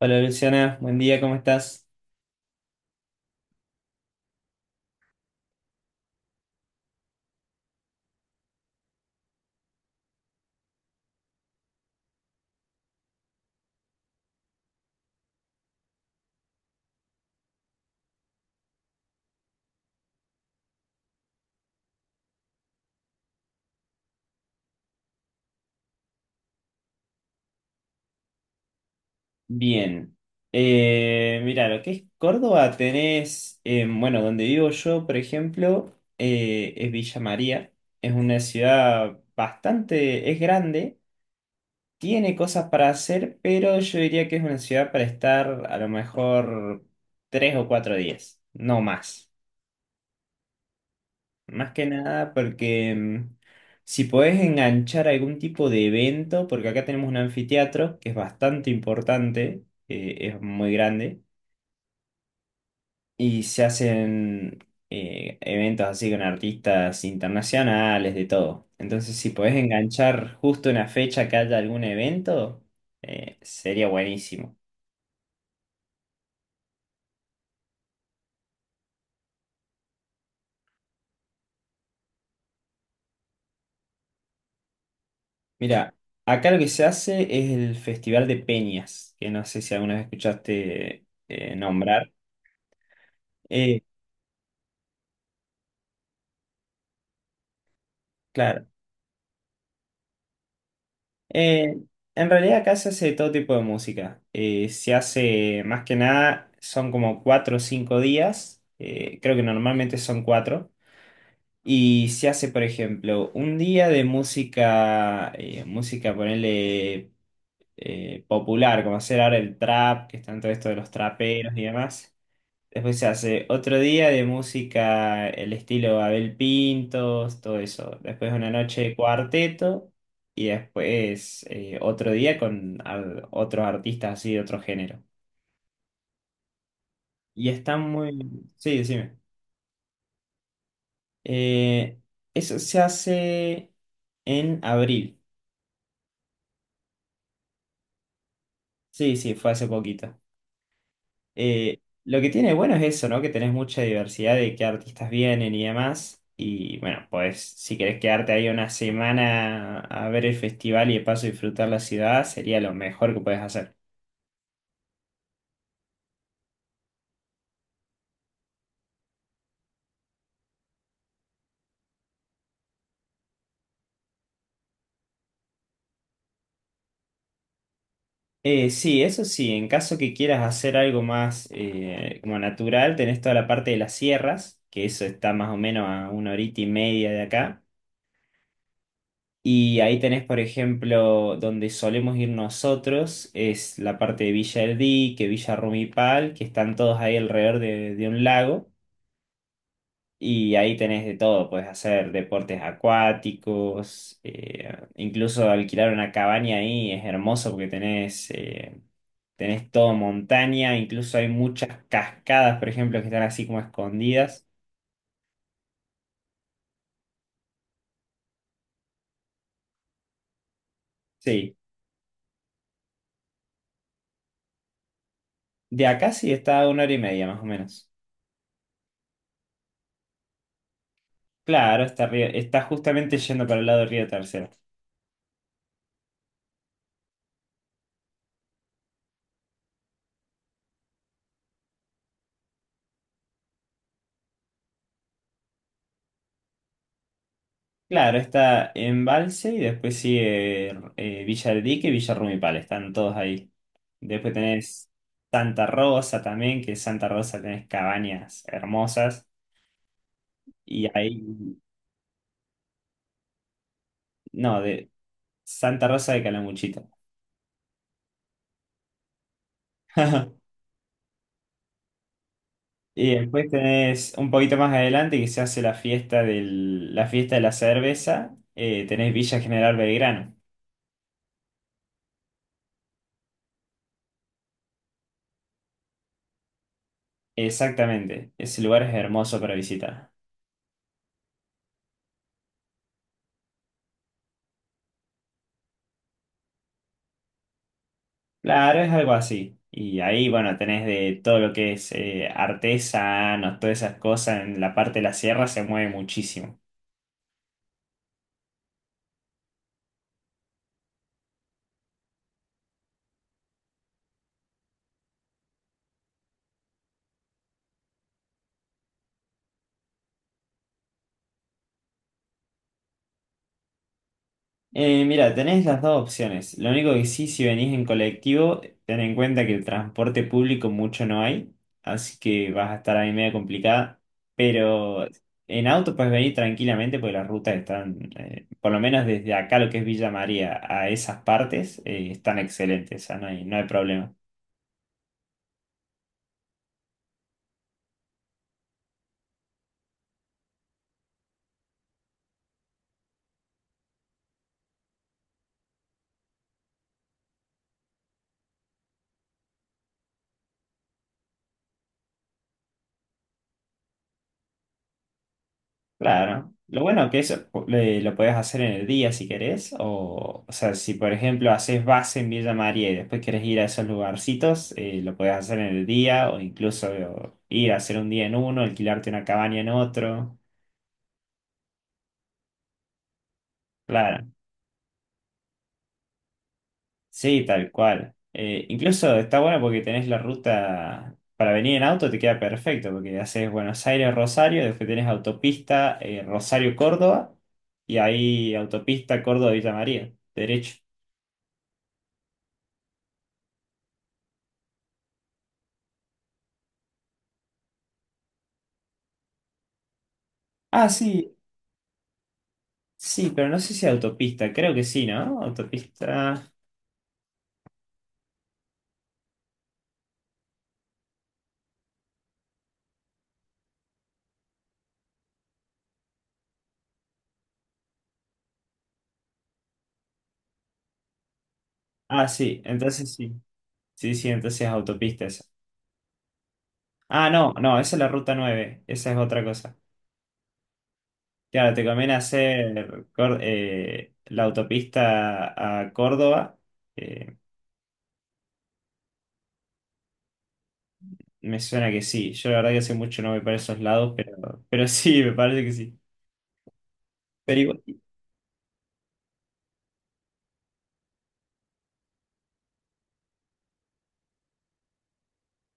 Hola Luciana, buen día, ¿cómo estás? Bien. Mira, lo que es Córdoba tenés, bueno, donde vivo yo, por ejemplo, es Villa María. Es una ciudad bastante, es grande, tiene cosas para hacer, pero yo diría que es una ciudad para estar a lo mejor 3 o 4 días, no más. Más que nada porque si podés enganchar algún tipo de evento, porque acá tenemos un anfiteatro que es bastante importante, es muy grande, y se hacen eventos así con artistas internacionales, de todo. Entonces, si podés enganchar justo una fecha que haya algún evento, sería buenísimo. Mira, acá lo que se hace es el Festival de Peñas, que no sé si alguna vez escuchaste nombrar. Eh, claro. Eh, en realidad acá se hace todo tipo de música. Se hace más que nada, son como 4 o 5 días. Creo que normalmente son cuatro. Y se hace, por ejemplo, un día de música, música, ponerle popular, como hacer ahora el trap, que están todo esto de los traperos y demás. Después se hace otro día de música, el estilo Abel Pintos, todo eso. Después una noche de cuarteto y después otro día con otros artistas así de otro género. Y está muy. Sí, decime. Eh, eso se hace en abril. Sí, sí, fue hace poquito. Lo que tiene bueno es eso, ¿no? Que tenés mucha diversidad de qué artistas vienen y demás. Y bueno, pues si querés quedarte ahí una semana a ver el festival y de paso disfrutar la ciudad, sería lo mejor que puedes hacer. Sí, eso sí, en caso que quieras hacer algo más como natural, tenés toda la parte de las sierras, que eso está más o menos a una horita y media de acá. Y ahí tenés, por ejemplo, donde solemos ir nosotros, es la parte de Villa El Dique, Villa Rumipal, que están todos ahí alrededor de un lago. Y ahí tenés de todo, puedes hacer deportes acuáticos, incluso alquilar una cabaña ahí es hermoso porque tenés, tenés todo montaña, incluso hay muchas cascadas, por ejemplo, que están así como escondidas. Sí, de acá sí está a una hora y media más o menos. Claro, está, está justamente yendo para el lado del río Tercero. Claro, está Embalse y después sigue Villa del Dique y Villa Rumipal, están todos ahí. Después tenés Santa Rosa también, que Santa Rosa tenés cabañas hermosas. Y ahí, no, de Santa Rosa de Calamuchita. Y después tenés un poquito más adelante que se hace la fiesta del, la fiesta de la cerveza, tenés Villa General Belgrano. Exactamente, ese lugar es hermoso para visitar. Claro, es algo así. Y ahí, bueno, tenés de todo lo que es artesanos, todas esas cosas en la parte de la sierra se mueve muchísimo. Mira, tenés las dos opciones. Lo único que sí, si venís en colectivo, ten en cuenta que el transporte público mucho no hay, así que vas a estar ahí media complicada. Pero en auto puedes venir tranquilamente porque las rutas están, por lo menos desde acá, lo que es Villa María, a esas partes, están excelentes, o sea, no hay, no hay problema. Claro. Lo bueno que eso lo puedes hacer en el día si querés, o sea, si por ejemplo haces base en Villa María y después querés ir a esos lugarcitos, lo puedes hacer en el día o incluso o, ir a hacer un día en uno, alquilarte una cabaña en otro. Claro, sí, tal cual. Incluso está bueno porque tenés la ruta para venir en auto, te queda perfecto porque haces Buenos Aires, Rosario, después tenés autopista Rosario, Córdoba y ahí autopista Córdoba, Villa María, derecho. Ah, sí, sí, pero no sé si autopista, creo que sí, ¿no? Autopista. Ah, sí, entonces sí. Sí, sí, entonces es autopista esa. Ah, no, no, esa es la ruta 9. Esa es otra cosa. Claro, te conviene hacer la autopista a Córdoba. Eh, me suena que sí. Yo la verdad que hace mucho no voy para esos lados, pero sí, me parece que sí. Pero igual,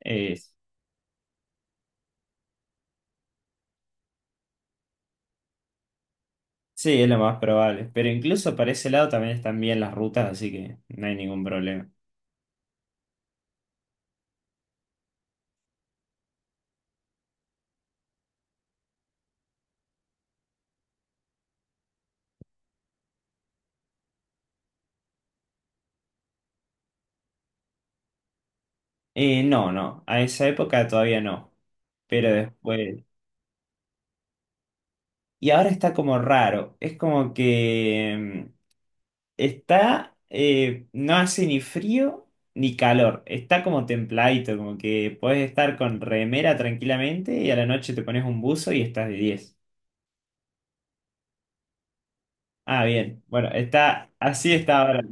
eh, sí, es lo más probable. Pero incluso para ese lado también están bien las rutas, así que no hay ningún problema. No, no, a esa época todavía no, pero después. Y ahora está como raro, es como que está, no hace ni frío ni calor, está como templadito, como que puedes estar con remera tranquilamente y a la noche te pones un buzo y estás de diez. Ah, bien, bueno, está, así está ahora.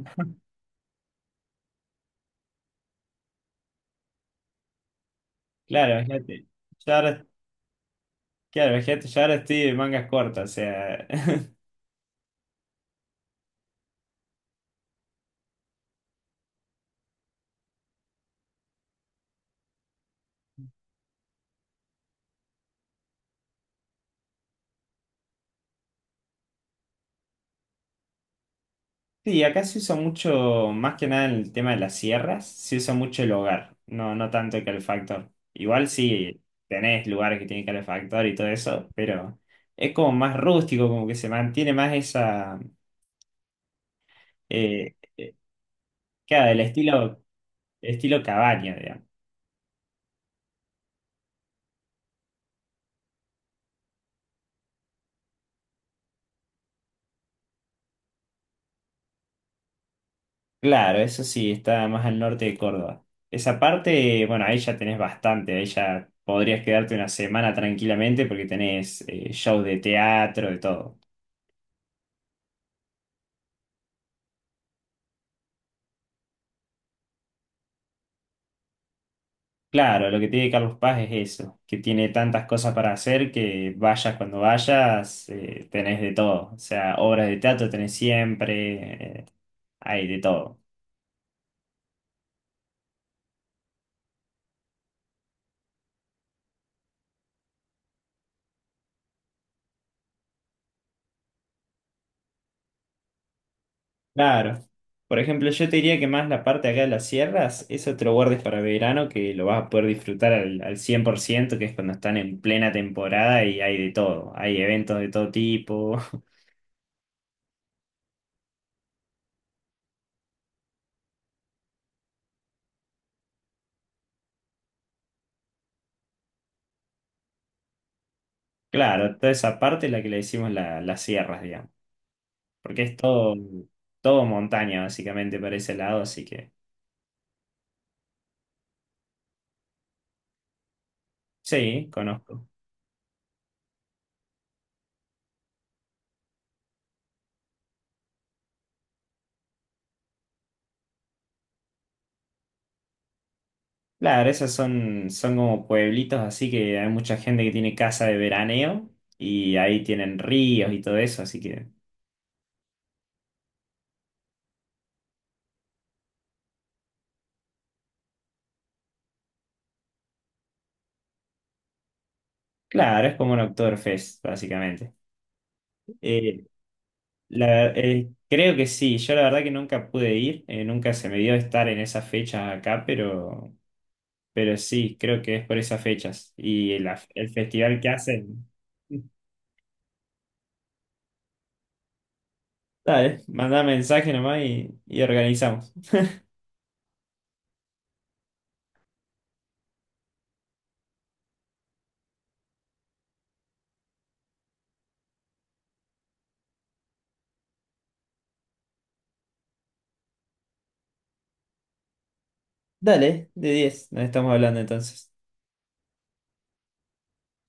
Claro, fíjate, yo ahora, claro, fíjate, yo ahora estoy de mangas cortas, o sea. Sí, acá se usa mucho, más que nada en el tema de las sierras, se usa mucho el hogar, no, no tanto el calefactor. Igual sí tenés lugares que tienen calefactor y todo eso, pero es como más rústico, como que se mantiene más esa, eh, eh, claro, el estilo, estilo cabaña, digamos. Claro, eso sí, está más al norte de Córdoba. Esa parte, bueno, ahí ya tenés bastante, ahí ya podrías quedarte una semana tranquilamente porque tenés shows de teatro, de todo. Claro, lo que tiene Carlos Paz es eso, que tiene tantas cosas para hacer que vayas cuando vayas, tenés de todo. O sea, obras de teatro tenés siempre, hay de todo. Claro. Por ejemplo, yo te diría que más la parte acá de las sierras, eso te lo guardes para verano, que lo vas a poder disfrutar al, al 100%, que es cuando están en plena temporada y hay de todo. Hay eventos de todo tipo. Claro, toda esa parte es la que le decimos las sierras, digamos. Porque es todo, todo montaña básicamente para ese lado, así que sí, conozco. Claro, esos son, son como pueblitos, así que hay mucha gente que tiene casa de veraneo y ahí tienen ríos y todo eso, así que claro, es como un Oktoberfest básicamente. Eh, creo que sí, yo la verdad que nunca pude ir, nunca se me dio estar en esas fechas acá, pero sí, creo que es por esas fechas y el festival que hacen. Dale, mandá mensaje nomás y organizamos. Dale, de 10, nos estamos hablando entonces.